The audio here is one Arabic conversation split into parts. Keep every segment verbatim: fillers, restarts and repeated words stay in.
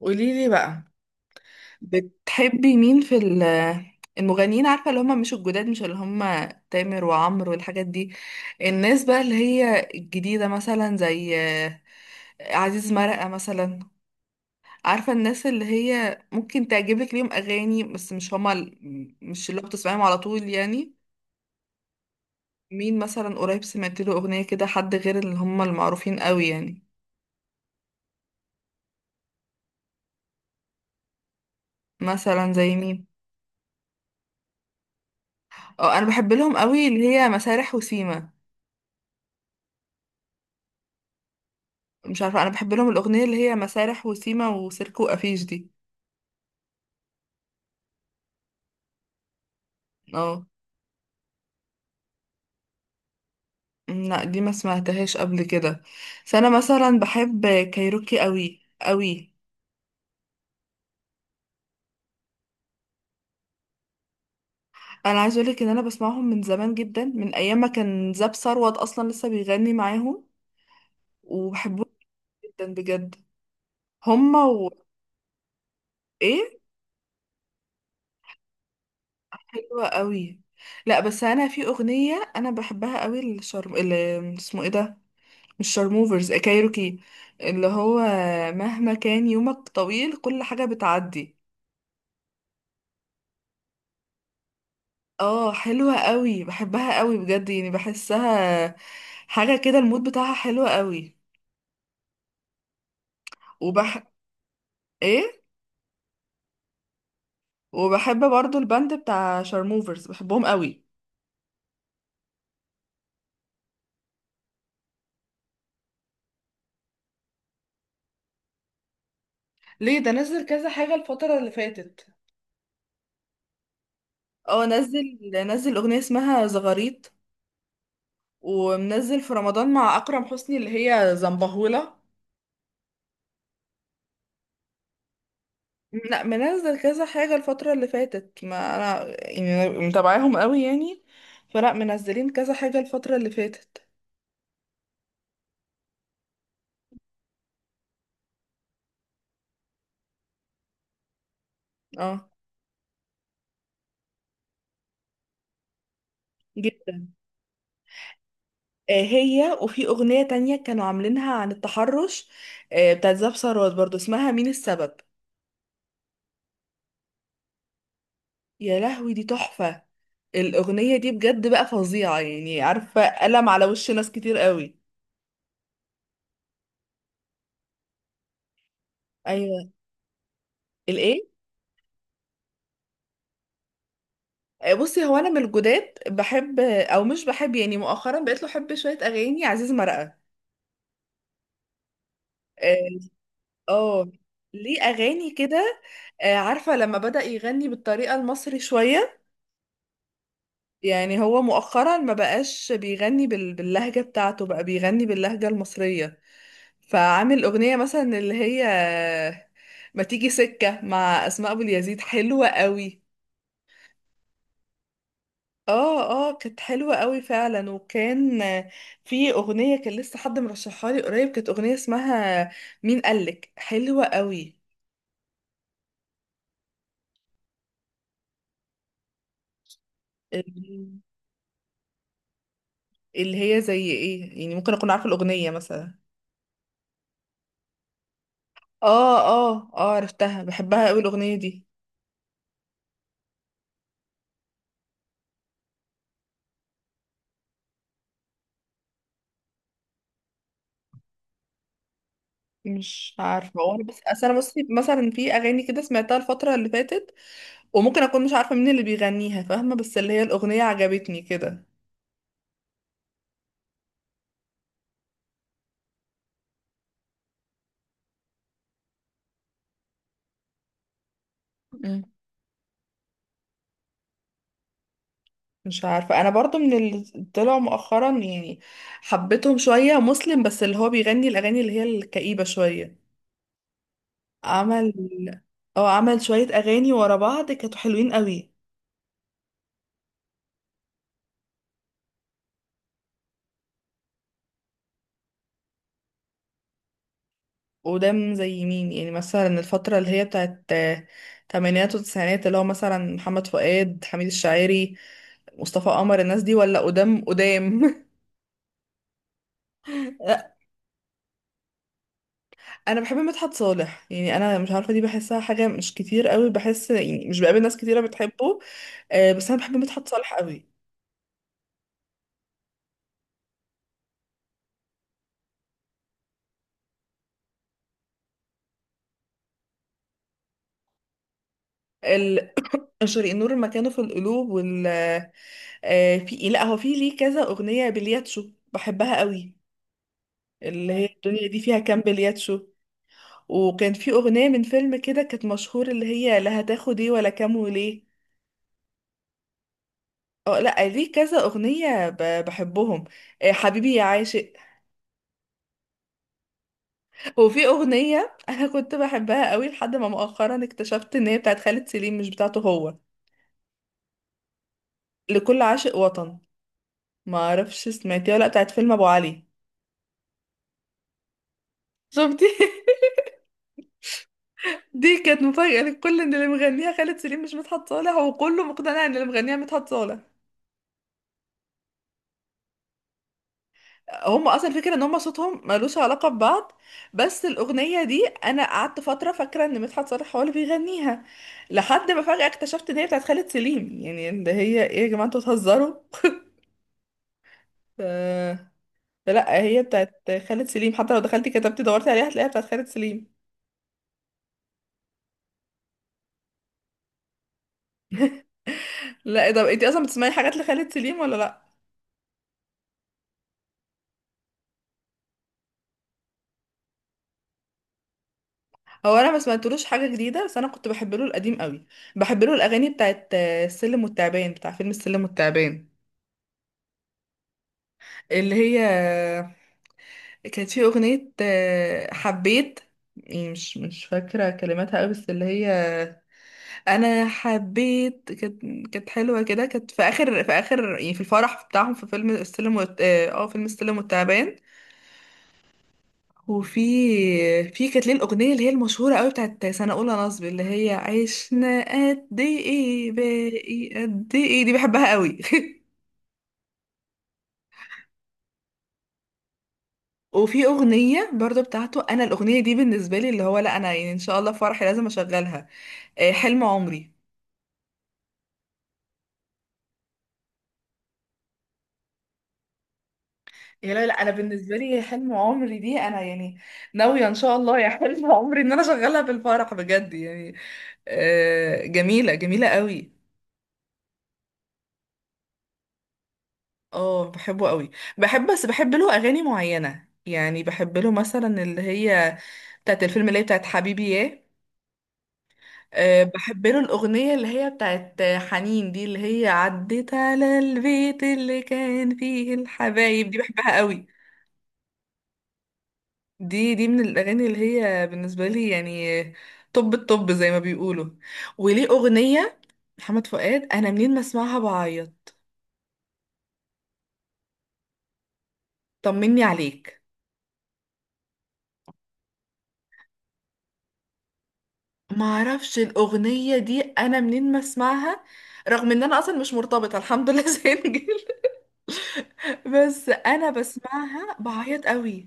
قوليلي بقى، بتحبي مين في ال- المغنيين؟ عارفة اللي هم مش الجداد، مش اللي هم تامر وعمرو والحاجات دي. الناس بقى اللي هي الجديدة مثلا زي آه، عزيز مرقة مثلا. عارفة الناس اللي هي ممكن تعجبك ليهم أغاني بس مش هما ال- مش اللي بتسمعيهم على طول يعني. مين مثلا قريب سمعت له أغنية كده، حد غير اللي هما المعروفين قوي يعني؟ مثلا زي مين؟ اه، أنا بحب لهم قوي اللي هي مسارح وسيما. مش عارفة، أنا بحب لهم الأغنية اللي هي مسارح وسيما وسيركو وأفيش دي. اه. أمم، لا دي ما سمعتهاش قبل كده. بس أنا مثلا بحب كايروكي قوي قوي. أنا عايزة أقولك إن أنا بسمعهم من زمان جدا، من أيام ما كان زاب ثروت أصلا لسه بيغني معاهم، وبحبهم جدا بجد. هما و... إيه؟ حلوة قوي. لا بس أنا في أغنية أنا بحبها قوي، الشرم اللي اسمه إيه ده، مش شارموفرز، آه، كايروكي، اللي هو مهما كان يومك طويل كل حاجة بتعدي. اه حلوة قوي، بحبها قوي بجد يعني. بحسها حاجة كده، المود بتاعها حلوة قوي. وبح ايه؟ وبحب برضو الباند بتاع شارموفرز، بحبهم قوي. ليه؟ ده نزل كذا حاجة الفترة اللي فاتت. اه نزل. نزل اغنية اسمها زغاريط، ومنزل في رمضان مع اكرم حسني اللي هي زنبهولة. لا منزل كذا حاجة الفترة اللي فاتت، ما انا يعني متابعاهم قوي يعني، فلا منزلين كذا حاجة الفترة اللي فاتت. اه جدا. آه هي، وفي أغنية تانية كانوا عاملينها عن التحرش، آه بتاعت زاب ثروت برضو، اسمها مين السبب. يا لهوي دي تحفة، الأغنية دي بجد بقى فظيعة يعني، عارفة قلم على وش ناس كتير قوي. ايوه. الايه؟ آه، بصي، هو انا من الجداد بحب او مش بحب يعني، مؤخرا بقيت له احب شويه اغاني عزيز مرقه. آه. اه. ليه اغاني كده، آه، عارفه، لما بدأ يغني بالطريقه المصري شويه. يعني هو مؤخرا ما بقاش بيغني بال- باللهجه بتاعته، بقى بيغني باللهجه المصريه. فعامل اغنيه مثلا اللي هي آه، ما تيجي سكه مع اسماء ابو اليزيد، حلوه قوي. اه اه، كانت حلوه قوي فعلا. وكان آه، في اغنيه كان لسه حد مرشحها لي قريب، كانت اغنيه اسمها مين قالك، حلوه قوي. اللي هي زي ايه يعني، ممكن اكون عارفة الأغنية مثلا. اه اه اه، عرفتها، بحبها قوي الاغنيه دي. مش عارفة، هو انا بس اصل انا بصي، مثلا في اغاني كده سمعتها الفترة اللي فاتت، وممكن اكون مش عارفة مين اللي بيغنيها، فاهمة؟ بس اللي هي الأغنية عجبتني كده. مم. مش عارفة، انا برضو من اللي طلعوا مؤخرا يعني، حبيتهم شوية مسلم، بس اللي هو بيغني الاغاني اللي هي الكئيبة شوية. عمل... اه عمل شوية اغاني ورا بعض كانوا حلوين قوي. قدام زي مين يعني؟ مثلا الفترة اللي هي بتاعت آه، تمانينات وتسعينات، اللي هو مثلا محمد فؤاد، حميد الشاعري، مصطفى قمر، الناس دي؟ ولا قدام قدام؟ لا، انا بحب مدحت صالح يعني، انا مش عارفه دي، بحسها حاجه مش كتير قوي، بحس يعني مش بقابل ناس كتيره بتحبه، آه، بس انا بحب مدحت صالح قوي. ال- شريق النور مكانه في القلوب، وال... آه، في، لا هو في ليه كذا اغنيه بلياتشو بحبها قوي، اللي هي الدنيا دي فيها كام بلياتشو. وكان في أغنية من فيلم كده كانت مشهور، اللي هي لا هتاخد ايه ولا كام وليه. اه لا، ليه كذا أغنية ب- بحبهم. آه، حبيبي يا عاشق. وفي أغنية أنا كنت بحبها قوي، لحد ما مؤخرا اكتشفت إن هي بتاعت خالد سليم مش بتاعته هو، لكل عاشق وطن. ما أعرفش سمعتيها ولا لأ، بتاعت فيلم أبو علي. شفتي؟ دي كانت مفاجأة للكل إن اللي مغنيها خالد سليم مش مدحت صالح، وكله مقتنع إن اللي مغنيها مدحت صالح. هم اصلا الفكره ان هم صوتهم ملوش علاقه ببعض، بس الاغنيه دي انا قعدت فتره فاكره ان مدحت صالح هو اللي بيغنيها، لحد ما فجاه اكتشفت ان هي بتاعت خالد سليم، يعني اللي هي ايه يا جماعه انتوا بتهزروا؟ ف- لا هي بتاعت خالد سليم، حتى لو دخلتي كتبتي دورتي عليها هتلاقيها بتاعت خالد سليم. لا طب انتي اصلا بتسمعي حاجات لخالد سليم ولا لا؟ هو انا ما سمعتلوش حاجه جديده، بس انا كنت بحب له القديم قوي. بحب له الاغاني بتاعت آه، السلم والتعبان، بتاع فيلم السلم والتعبان. اللي هي كانت في أغنية آه، حبيت، يعني مش مش فاكرة كلماتها قوي، بس اللي هي أنا حبيت. كانت كانت حلوة كده، كانت في آخر، في آخر يعني في الفرح بتاعهم في فيلم السلم والت... اه آه، فيلم السلم والتعبان. وفي في كانت ليه الأغنية اللي هي المشهورة قوي بتاعت سنة أولى نصب، اللي هي عشنا قد إيه باقي قد إيه، دي بحبها قوي. وفي اغنيه برضو بتاعته، انا الاغنيه دي بالنسبه لي اللي هو، لا انا يعني ان شاء الله في فرحي لازم اشغلها، آه، حلم عمري. يا لا لا، انا بالنسبه لي حلم عمري دي انا يعني ناويه ان شاء الله يا حلم عمري ان انا اشغلها في الفرح بجد يعني، آه، جميله جميله قوي. اه بحبه قوي. بحب بس بحب له اغاني معينه يعني، بحب له مثلا اللي هي بتاعت الفيلم اللي هي بتاعت حبيبي ياه. أه بحب له الأغنية اللي هي بتاعت حنين دي، اللي هي عدت على البيت اللي كان فيه الحبايب دي، بحبها قوي. دي دي من الأغاني اللي هي بالنسبة لي يعني طب الطب زي ما بيقولوا. وليه أغنية محمد فؤاد، أنا منين ما أسمعها بعيط، طمني عليك. معرفش الأغنية دي، أنا منين ما أسمعها، رغم إن أنا أصلا مش مرتبطة الحمد لله سنجل، بس أنا بسمعها بعيط قوي،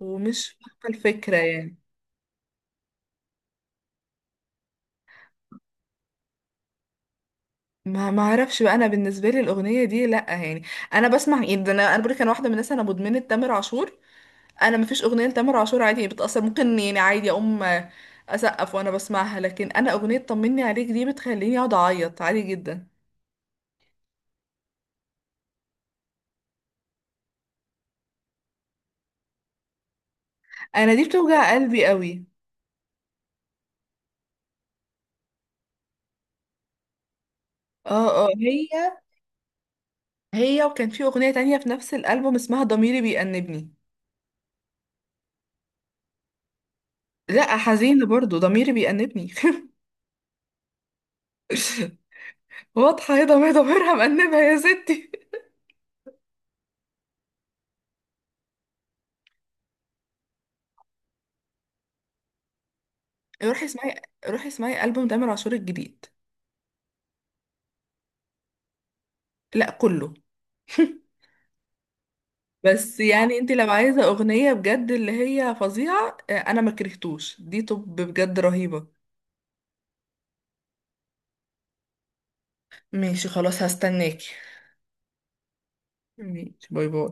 ومش فاهمة الفكرة يعني. ما ما اعرفش بقى، انا بالنسبه لي الاغنيه دي لا يعني. انا بسمع يعني، ده انا، انا بقولك انا واحده من الناس انا مدمنه تامر عاشور، انا ما فيش اغنيه لتامر عاشور عادي يعني، بتاثر ممكن يعني عادي اقوم آه، اسقف وانا بسمعها، لكن انا اغنيه طمني عليك دي بتخليني اقعد اعيط عادي جدا. انا دي بتوجع قلبي قوي. اه اه هي. هي وكان في اغنيه تانية في نفس الالبوم اسمها ضميري بيأنبني. لا حزينه برضو ضميري بيأنبني. واضحه هي ضمير- ضميرها مأنبها يا ستي. روحي اسمعي، روحي اسمعي ألبوم تامر عاشور الجديد. لا كله. بس يعني انت لو عايزة أغنية بجد اللي هي فظيعة آه، انا ما كرهتوش دي طب بجد رهيبة. ماشي خلاص، هستناكي. ماشي، باي باي.